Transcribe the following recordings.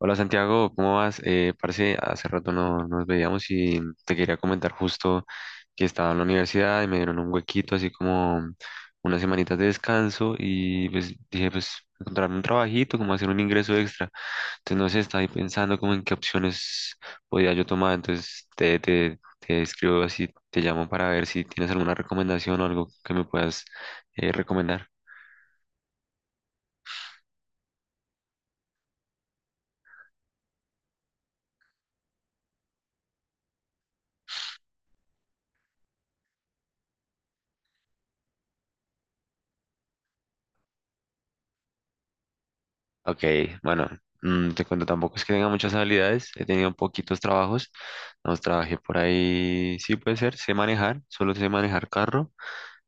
Hola Santiago, ¿cómo vas? Parce, hace rato no nos veíamos y te quería comentar justo que estaba en la universidad y me dieron un huequito, así como unas semanitas de descanso y pues dije, pues encontrarme un trabajito, como hacer un ingreso extra. Entonces no sé, estaba ahí pensando como en qué opciones podía yo tomar, entonces te escribo así, te llamo para ver si tienes alguna recomendación o algo que me puedas recomendar. Ok, bueno, te cuento, tampoco es que tenga muchas habilidades, he tenido poquitos trabajos, nos trabajé por ahí, sí puede ser, sé manejar, solo sé manejar carro,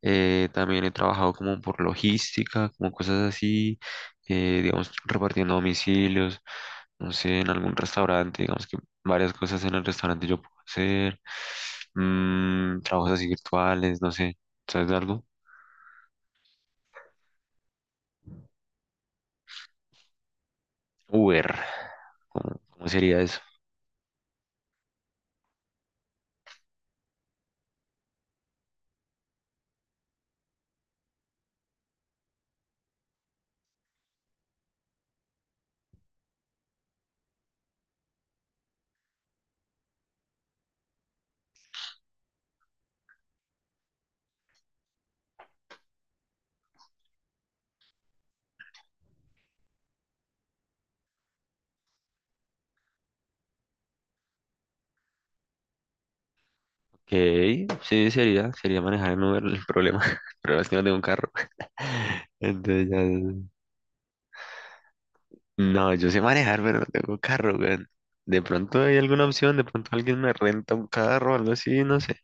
también he trabajado como por logística, como cosas así, digamos, repartiendo domicilios, no sé, en algún restaurante, digamos que varias cosas en el restaurante yo puedo hacer, trabajos así virtuales, no sé, ¿sabes de algo? Uber, cómo sería eso? Ok, sí, sería manejar en Uber el problema. El problema es que no tengo un carro. Entonces ya... No, yo sé manejar, pero no tengo carro, weón. De pronto hay alguna opción, de pronto alguien me renta un carro o algo así, no sé.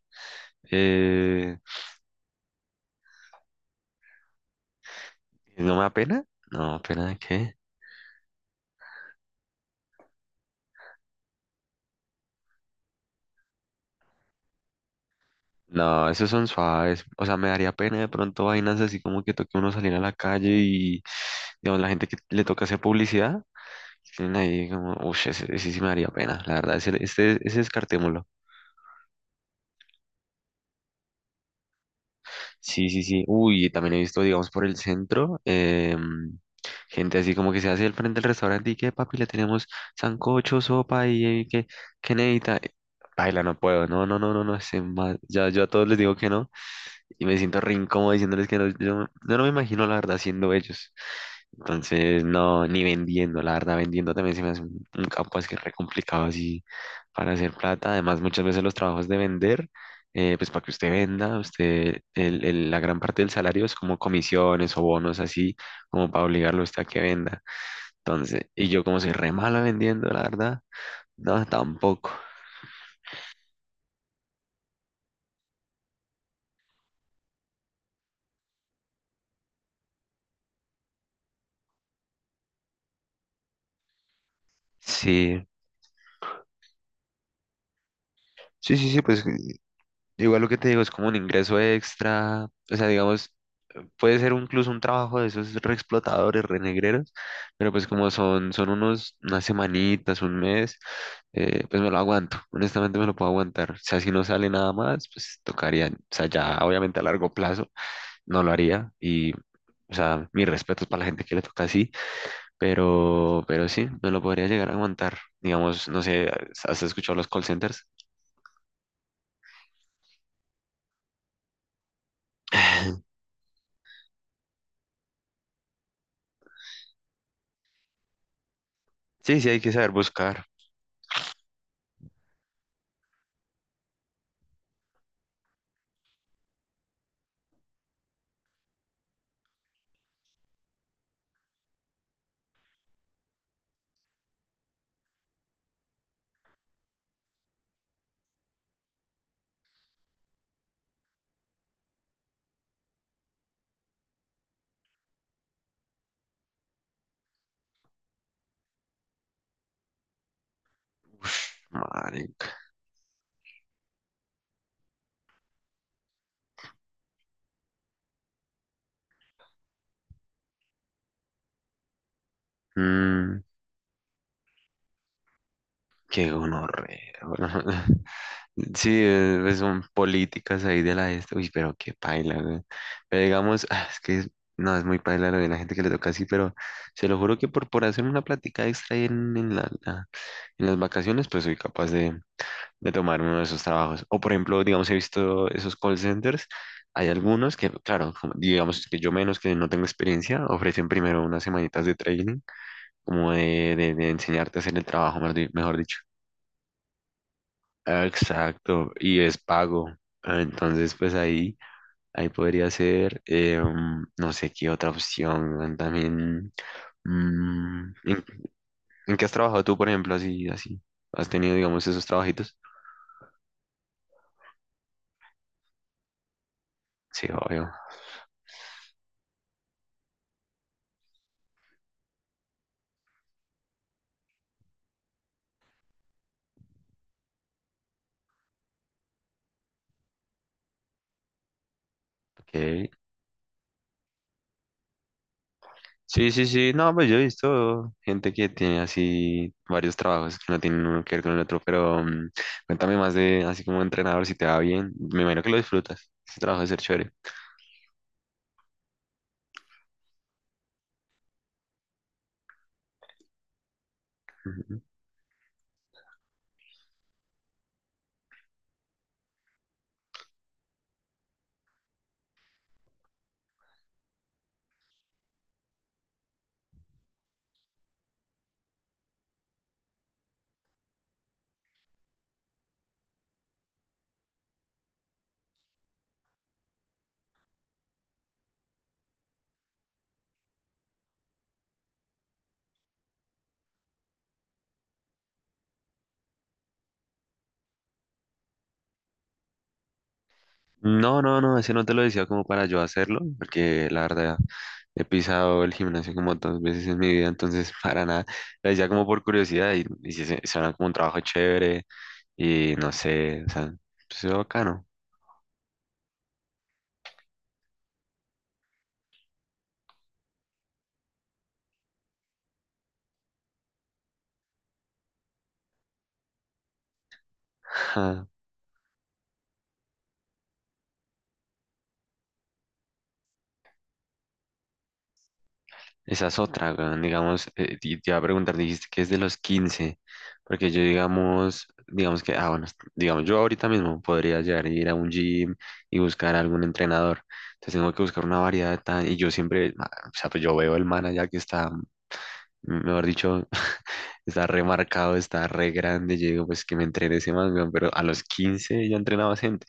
Eh, ¿No me da pena? No, ¿pena de qué? No, esos son suaves. O sea, me daría pena de pronto vainas así como que toque uno salir a la calle y, digamos, la gente que le toca hacer publicidad, tienen ahí como, uff, ese sí me daría pena, la verdad, ese descartémoslo. Sí, sí, sí. Uy, también he visto, digamos, por el centro, gente así como que se hace el frente del restaurante y que, papi, le tenemos sancocho, sopa y que necesita. Paila, no puedo. No, no, no, no, no. Ya, yo a todos les digo que no y me siento re incómodo diciéndoles que no, yo no me imagino la verdad siendo ellos. Entonces, no, ni vendiendo, la verdad, vendiendo también se me hace un campo es que re complicado así para hacer plata. Además, muchas veces los trabajos de vender, pues para que usted venda, usted, la gran parte del salario es como comisiones o bonos así, como para obligarlo a usted a que venda. Entonces, y yo como soy re malo vendiendo, la verdad, no, tampoco. Sí, sí, sí, sí, pues igual lo que te digo es como un ingreso extra, o sea, digamos, puede ser incluso un trabajo de esos reexplotadores, renegreros, pero pues como son, unas semanitas, un mes, pues me lo aguanto, honestamente me lo puedo aguantar. O sea, si no sale nada más, pues tocaría, o sea, ya obviamente a largo plazo no lo haría y, o sea, mis respetos para la gente que le toca así, pero sí, me lo podría llegar a aguantar. Digamos, no sé, ¿has escuchado los call centers? Sí, sí, hay que saber buscar. Ush, marica. Mm, qué gonorrea. Sí, pues son políticas ahí de la esta. Uy, pero qué paila, güey. Pero digamos, no, es muy paila lo de la gente que le toca así, pero se lo juro que por hacer una plática extra ahí en, en las vacaciones, pues soy capaz de tomar uno de esos trabajos. O por ejemplo, digamos, he visto esos call centers. Hay algunos que, claro, como- digamos que yo menos que no tengo experiencia, ofrecen primero unas semanitas de training como de, de enseñarte a hacer el trabajo, mejor dicho. Ah, exacto, y es pago. Ah, entonces, ahí podría ser, no sé qué otra opción, weón, también, mm, ¿en, en qué has trabajado tú, por ejemplo, así, así? ¿Has tenido, digamos, esos trabajitos? Sí, obvio. Ok. Sí, sí, sí, no, pues yo he visto gente que tiene así varios trabajos que no tienen uno que ver con el otro, pero cuéntame más de así como entrenador, si te va bien, me imagino que lo disfrutas, ese trabajo de ser chévere. Ujú. No, no, no, ese no te lo decía como para yo hacerlo, porque la verdad he pisado el gimnasio como dos veces en mi vida, entonces para nada, lo decía como por curiosidad y sí suena como un trabajo chévere y no sé, o sea, pues es bacano. Esa es otra, weón, digamos, y te iba a preguntar, dijiste que es de los 15 porque yo digamos, bueno, digamos, yo ahorita mismo podría llegar a ir a un gym y buscar algún entrenador, entonces tengo que buscar una variedad tan, y yo siempre, ah, o sea, pues yo veo el man allá que está, mejor dicho, está remarcado, está re grande, y yo digo, pues que me entrene ese man, weón, pero a los 15 ya entrenaba gente,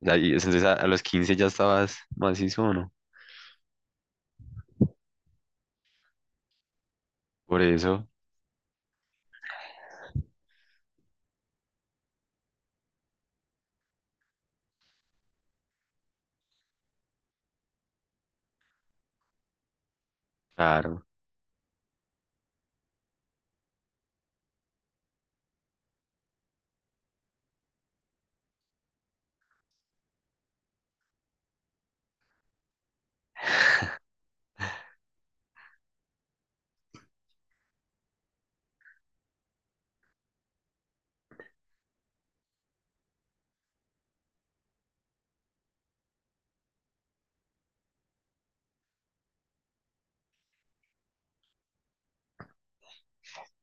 o sea, entonces a los 15 ya estabas macizo, ¿o no? Por eso, claro,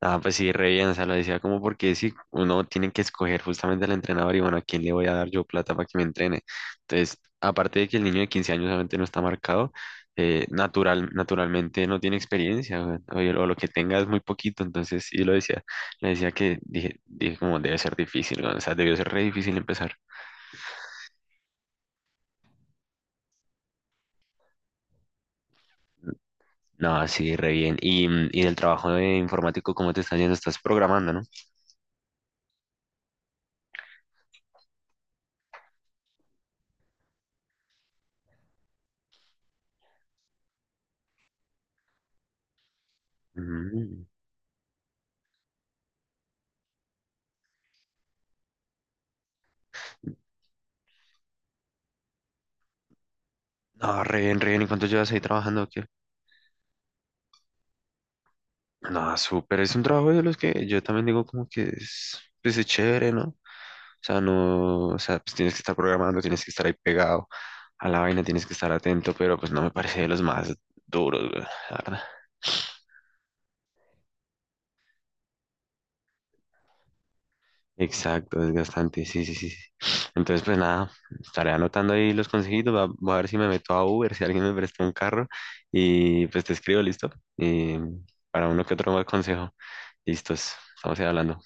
ah, pues sí, re bien, o sea, lo decía como porque sí, uno tiene que escoger justamente al entrenador y bueno, ¿a quién le voy a dar yo plata para que me entrene? Entonces, aparte de que el niño de 15 años obviamente no está marcado, naturalmente no tiene experiencia o, o lo que tenga es muy poquito, entonces sí lo decía, le decía que dije como debe ser difícil, ¿no? O sea, debió ser re difícil empezar. No, sí, re bien. Y, y del trabajo de informático, ¿cómo te está yendo? Estás programando, ¿no? Mm. No, re bien, re bien. ¿Y cuánto llevas ahí trabajando? No súper. Es un trabajo de los que yo también digo como que es, pues, es chévere, ¿no? O sea, no, o sea, pues tienes que estar programando, tienes que estar ahí pegado a la vaina, tienes que estar atento, pero pues no me parece de los más duros, güey, la verdad. Exacto, desgastante, sí, sí, sí. Sí. Entonces, pues nada, estaré anotando ahí los consejitos, voy a ver si me meto a Uber, si alguien me presta un carro y pues te escribo, listo. Y para uno que otro más consejo, listos, estamos ahí hablando.